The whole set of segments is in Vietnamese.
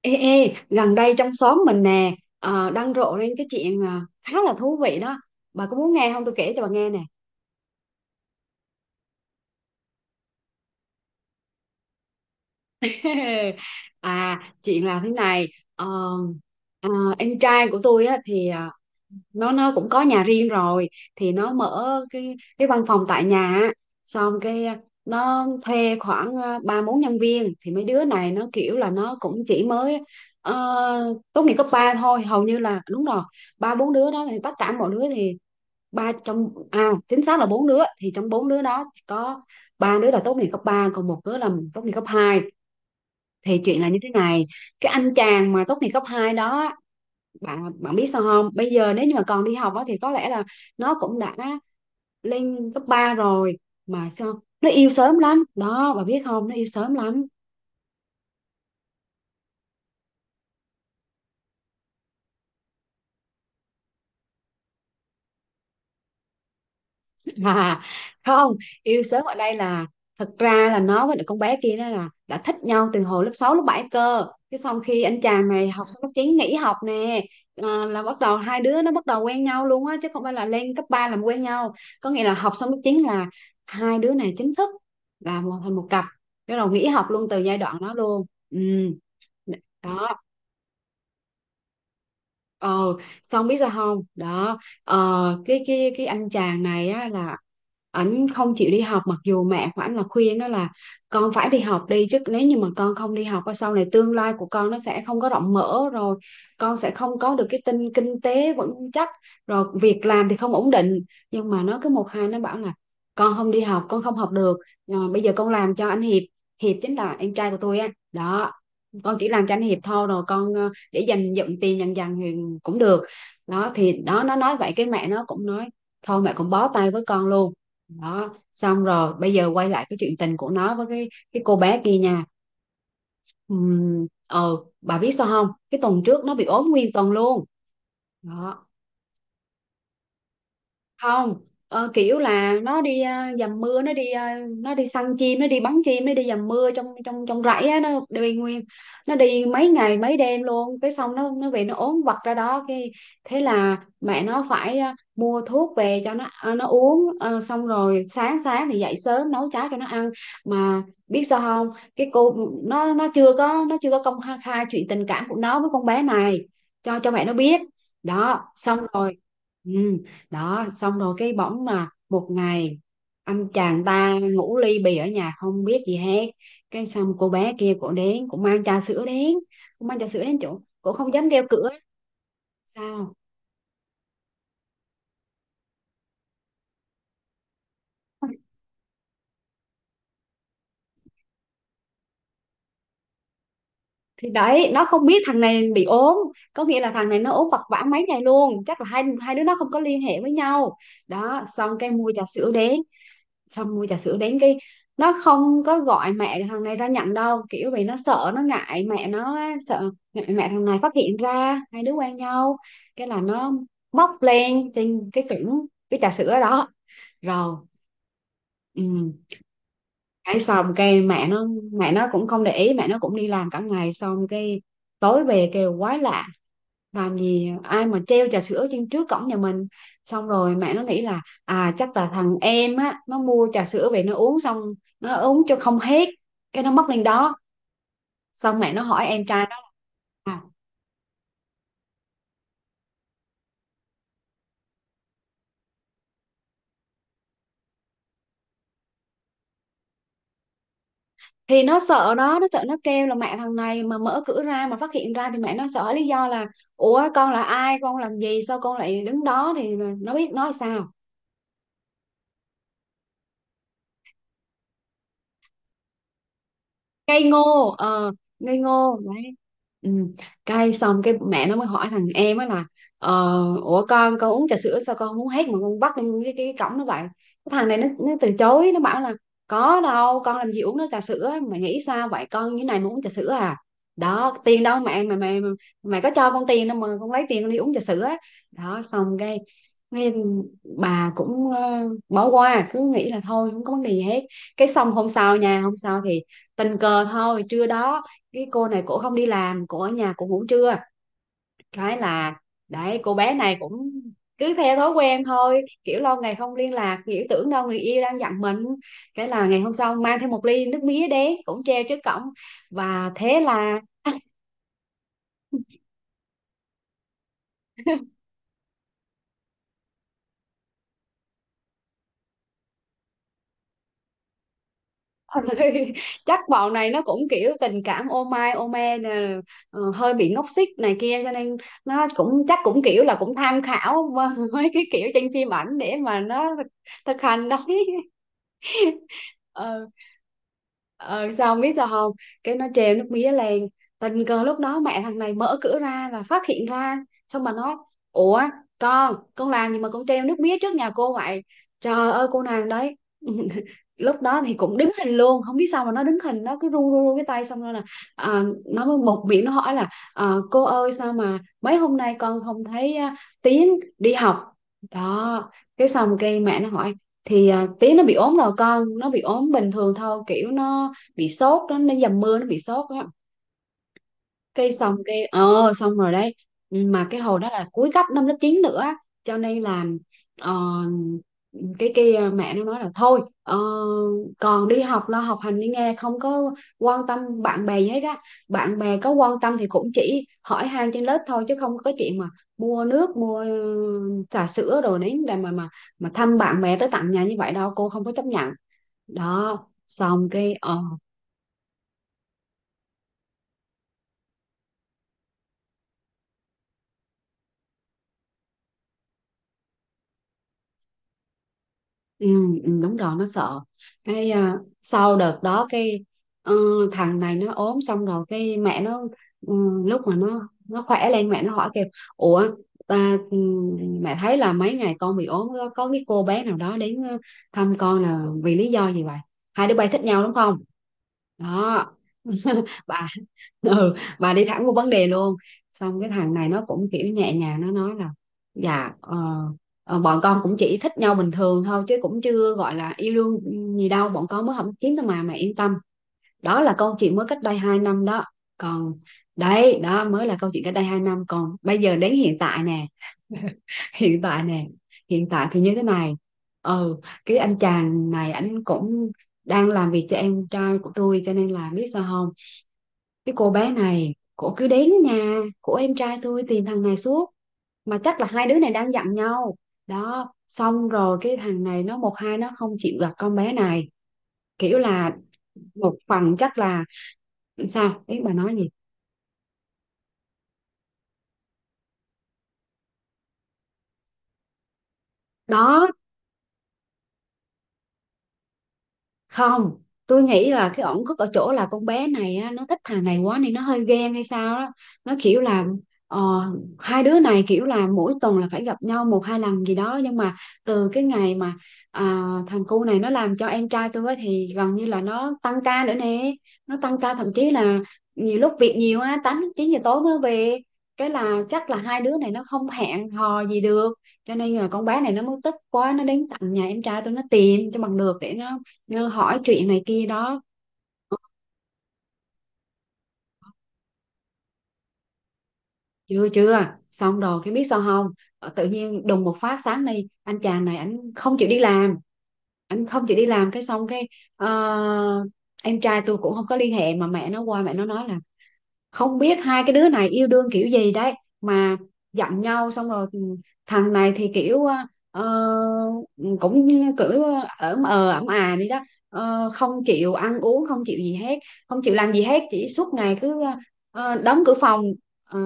Ê, gần đây trong xóm mình nè, đang rộ lên cái chuyện, khá là thú vị đó. Bà có muốn nghe không? Tôi kể cho bà nghe nè. À, chuyện là thế này. ờ, ờ, em trai của tôi á, thì nó cũng có nhà riêng rồi, thì nó mở cái văn phòng tại nhà á. Xong cái nó thuê khoảng ba bốn nhân viên, thì mấy đứa này nó kiểu là nó cũng chỉ mới ờ, tốt nghiệp cấp ba thôi, hầu như là đúng rồi. Ba bốn đứa đó thì tất cả mọi đứa thì ba trong à chính xác là bốn đứa, thì trong bốn đứa đó có ba đứa là tốt nghiệp cấp ba, còn một đứa là tốt nghiệp cấp hai. Thì chuyện là như thế này. Cái anh chàng mà tốt nghiệp cấp 2 đó, bạn bạn biết sao không, bây giờ nếu như mà còn đi học á, thì có lẽ là nó cũng đã lên cấp 3 rồi. Mà sao nó yêu sớm lắm đó, bà biết không, nó yêu sớm lắm. À, không, yêu sớm ở đây là thật ra là nó với lại con bé kia đó là đã thích nhau từ hồi lớp 6 lớp 7 cơ. Cái xong khi anh chàng này học xong lớp 9 nghỉ học nè, à, là bắt đầu hai đứa nó bắt đầu quen nhau luôn á, chứ không phải là lên cấp 3 làm quen nhau. Có nghĩa là học xong lớp 9 là hai đứa này chính thức là một thành một cặp. Bắt đầu nghỉ học luôn từ giai đoạn đó luôn. Ừ. Đó. Ờ, xong biết sao không? Đó, cái anh chàng này á là ảnh không chịu đi học, mặc dù mẹ của ảnh là khuyên đó là con phải đi học đi chứ, nếu như mà con không đi học á, sau này tương lai của con nó sẽ không có rộng mở, rồi con sẽ không có được cái tinh kinh tế vững chắc, rồi việc làm thì không ổn định. Nhưng mà nó cứ một hai nó bảo là con không đi học, con không học được. Ờ, bây giờ con làm cho anh Hiệp. Hiệp chính là em trai của tôi á đó. Con chỉ làm cho anh Hiệp thôi, rồi con để dành dụm tiền dần dần thì cũng được. Đó thì đó, nó nói vậy cái mẹ nó cũng nói thôi, mẹ cũng bó tay với con luôn. Đó, xong rồi bây giờ quay lại cái chuyện tình của nó với cái cô bé kia nha. Ờ, bà biết sao không, cái tuần trước nó bị ốm nguyên tuần luôn đó. Không, kiểu là nó đi à, dầm mưa, nó đi à, nó đi săn chim, nó đi bắn chim, nó đi dầm mưa trong trong trong rẫy á, nó đi nguyên, nó đi mấy ngày mấy đêm luôn, cái xong nó về nó ốm vặt ra đó cái. Thế là mẹ nó phải à, mua thuốc về cho nó à, nó uống. Ờ, xong rồi sáng sáng thì dậy sớm nấu cháo cho nó ăn. Mà biết sao không, cái cô, nó chưa có, nó chưa có công khai khai chuyện tình cảm của nó với con bé này cho mẹ nó biết. Đó xong rồi. Ừ. Đó xong rồi cái bỗng mà một ngày anh chàng ta ngủ ly bì ở nhà không biết gì hết. Cái xong cô bé kia cổ đến cũng mang trà sữa đến, cũng mang trà sữa đến chỗ, cổ không dám kêu cửa. Sao? Thì đấy, nó không biết thằng này bị ốm, có nghĩa là thằng này nó ốm vật vã mấy ngày luôn, chắc là hai hai đứa nó không có liên hệ với nhau. Đó xong cái mua trà sữa đến. Xong mua trà sữa đến, cái nó không có gọi mẹ thằng này ra nhận đâu, kiểu vì nó sợ, nó ngại mẹ nó á, sợ ngại mẹ thằng này phát hiện ra hai đứa quen nhau. Cái là nó bốc lên trên cái cứng cái trà sữa đó rồi. Ừ. Cái xong cái mẹ nó cũng không để ý, mẹ nó cũng đi làm cả ngày. Xong cái tối về kêu quái lạ, làm gì ai mà treo trà sữa trên trước cổng nhà mình. Xong rồi mẹ nó nghĩ là à, chắc là thằng em á nó mua trà sữa về nó uống xong, nó uống cho không hết, cái nó mất lên đó. Xong mẹ nó hỏi em trai nó là, à, thì nó sợ đó, nó sợ nó kêu là mẹ thằng này mà mở cửa ra mà phát hiện ra thì mẹ nó sợ lý do là ủa con là ai, con làm gì, sao con lại đứng đó, thì nó biết nói sao. Cây ngô ờ Ngây ngô đấy. Ừ. Xong cái mẹ nó mới hỏi thằng em á là, ờ, ủa con uống trà sữa sao con không uống hết mà con bắt lên cái cổng nó vậy. Cái thằng này nó từ chối, nó bảo là có đâu, con làm gì uống nó trà sữa, mày nghĩ sao vậy, con như này mà uống trà sữa à. Đó tiền đâu mẹ mà mày mày, mày có cho con tiền đâu mà con lấy tiền con đi uống trà sữa. Đó xong cái. Cái bà cũng bỏ qua, cứ nghĩ là thôi không có vấn đề gì hết. Cái xong hôm sau nha, hôm sau thì tình cờ thôi, trưa đó cái cô này cổ không đi làm, cổ ở nhà cổ ngủ trưa. Cái là đấy cô bé này cũng cứ theo thói quen thôi, kiểu lâu ngày không liên lạc, kiểu tưởng đâu người yêu đang giận mình. Cái là ngày hôm sau mang theo một ly nước mía đến cũng treo trước cổng. Và thế là Ôi, chắc bọn này nó cũng kiểu tình cảm ô mai ô me nè, hơi bị ngốc xích này kia, cho nên nó cũng chắc cũng kiểu là cũng tham khảo mấy cái kiểu trên phim ảnh để mà nó thực hành đấy. ờ ờ Sao không biết sao không, cái nó treo nước mía lên, tình cờ lúc đó mẹ thằng này mở cửa ra và phát hiện ra. Xong mà nói ủa, con làm gì mà con treo nước mía trước nhà cô vậy. Trời ơi cô nàng đấy lúc đó thì cũng đứng hình luôn, không biết sao mà nó đứng hình, nó cứ run run run cái tay, xong rồi là à, nó mới một miệng nó hỏi là ờ, cô ơi sao mà mấy hôm nay con không thấy à, Tiến đi học. Đó. Cái xong cái mẹ nó hỏi thì à, tí nó bị ốm rồi, con nó bị ốm bình thường thôi kiểu nó bị sốt đó, nó dầm mưa nó bị sốt á. Cái xong cái ờ xong rồi đấy, mà cái hồi đó là cuối cấp năm lớp 9 nữa á. Cho nên là ờ, cái kia mẹ nó nói là thôi ờ, còn đi học lo học hành đi nghe, không có quan tâm bạn bè gì hết á. Bạn bè có quan tâm thì cũng chỉ hỏi han trên lớp thôi, chứ không có chuyện mà mua nước, mua trà sữa đồ đấy để mà thăm bạn bè tới tận nhà như vậy đâu, cô không có chấp nhận. Đó. Xong cái ờ. Ừ, ừ, đúng rồi, nó sợ. Cái à, sau đợt đó cái ờ, thằng này nó ốm xong rồi cái mẹ nó ừ, lúc mà nó khỏe lên mẹ nó hỏi kêu ủa ta, ừ, mẹ thấy là mấy ngày con bị ốm có cái cô bé nào đó đến ờ, thăm con là vì lý do gì vậy, hai đứa bay thích nhau đúng không. Đó. Bà. Ừ, bà đi thẳng vô vấn đề luôn. Xong cái thằng này nó cũng kiểu nhẹ nhàng nó nói là dạ ờ, Ờ, bọn con cũng chỉ thích nhau bình thường thôi chứ cũng chưa gọi là yêu đương gì đâu, bọn con mới không kiếm thôi mà mẹ yên tâm. Đó là câu chuyện mới cách đây 2 năm đó. Còn đấy đó mới là câu chuyện cách đây 2 năm, còn bây giờ đến hiện tại nè hiện tại nè, hiện tại thì như thế này. Ừ. Cái anh chàng này anh cũng đang làm việc cho em trai của tôi, cho nên là biết sao không, cái cô bé này cổ cứ đến nhà của em trai tôi tìm thằng này suốt. Mà chắc là hai đứa này đang giận nhau. Đó xong rồi cái thằng này nó một hai nó Không chịu gặp con bé này. Kiểu là Một phần chắc là... Sao ý, bà nói gì đó? Không, tôi nghĩ là cái ổn khúc ở chỗ là con bé này á, nó thích thằng này quá nên nó hơi ghen hay sao đó. Nó kiểu là ờ, Hai đứa này kiểu là mỗi tuần là phải gặp nhau một hai lần gì đó, nhưng mà từ cái ngày mà à, thằng cu này nó làm cho em trai tôi á, thì gần như là nó tăng ca nữa nè. Nó tăng ca thậm chí là nhiều lúc việc nhiều á, tám chín giờ tối mới về. Cái là chắc là hai đứa này nó không hẹn hò gì được, cho nên là con bé này nó muốn tức quá, nó đến tận nhà em trai tôi, nó tìm cho bằng được để nó như hỏi chuyện này kia đó. Ờ, chưa chưa, xong rồi cái biết sao không? Tự nhiên đùng một phát, sáng nay anh chàng này anh không chịu đi làm. Anh không chịu đi làm, cái xong cái ờ, em trai tôi cũng không có liên hệ, mà mẹ nó qua, mẹ nó nói là không biết hai cái đứa này yêu đương kiểu gì đấy mà giận nhau. Xong rồi ừ, thằng này thì kiểu ờ, cũng kiểu ở ẩm à đi đó. Ờ, không chịu ăn uống, không chịu gì hết, không chịu làm gì hết, chỉ suốt ngày cứ đóng cửa phòng, ờ,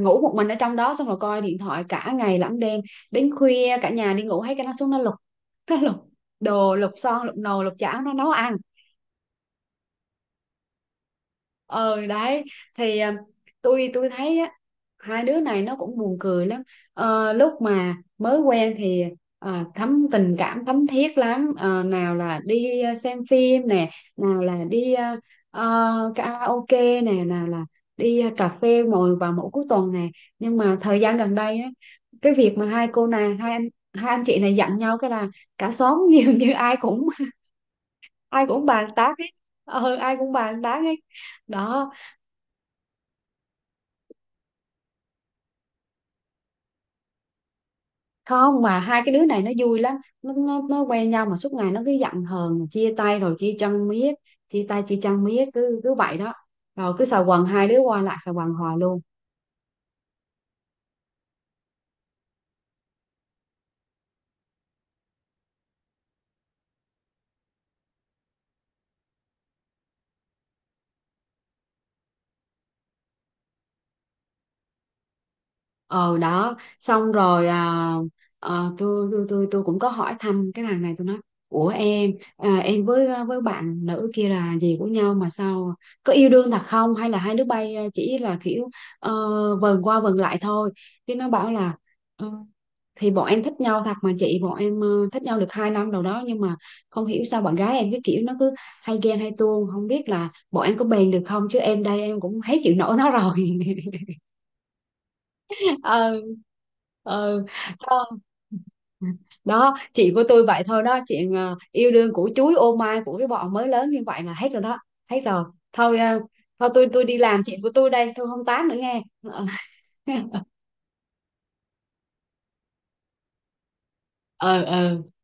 ngủ một mình ở trong đó, xong rồi coi điện thoại cả ngày lẫn đêm. Đến khuya cả nhà đi ngủ hết, cái nó xuống nó lục, nó lục đồ, lục son, lục nồi, lục chảo, nó nấu ăn. Ờ đấy, thì ờ, tôi thấy á, hai đứa này nó cũng buồn cười lắm. Ờ, lúc mà mới quen thì thấm tình cảm thấm thiết lắm. Ờ, nào là đi xem phim nè, nào là đi karaoke nè, nào là đi cà phê ngồi vào mỗi cuối tuần nè. Nhưng mà thời gian gần đây á, cái việc mà hai cô này hai anh chị này giận nhau, cái là cả xóm dường như ai cũng bàn tán hết. Ờ, ai cũng bàn tán hết đó. Không, mà hai cái đứa này nó vui lắm. Nó quen nhau mà suốt ngày nó cứ giận hờn, chia tay rồi chia chân miết. Chia tay chia chân miết, cứ cứ vậy đó. Rồi cứ xà quần, hai đứa qua lại xà quần hoài luôn. Ờ đó xong rồi à, ờ, Tôi cũng có hỏi thăm cái thằng này. Tôi nói, ủa em, em với với bạn nữ kia là gì của nhau mà sao? Có yêu đương thật không, hay là hai đứa bay chỉ là kiểu ờ, vần qua vần lại thôi? Cái nó bảo là: "Ờ, thì bọn em thích nhau thật mà chị, bọn em thích nhau được hai năm đầu đó, nhưng mà không hiểu sao bạn gái em cái kiểu nó cứ hay ghen hay tuông. Không biết là bọn em có bền được không, chứ em đây em cũng hết chịu nổi nó rồi." ờ ờ Thôi, đó chị của tôi, vậy thôi đó, chuyện yêu đương của chuối ô mai của cái bọn mới lớn như vậy là hết rồi đó. Hết rồi. Thôi ờ, thôi tôi đi làm chuyện của tôi đây, tôi không tám nữa nghe. Ờ. Ừ, ừ.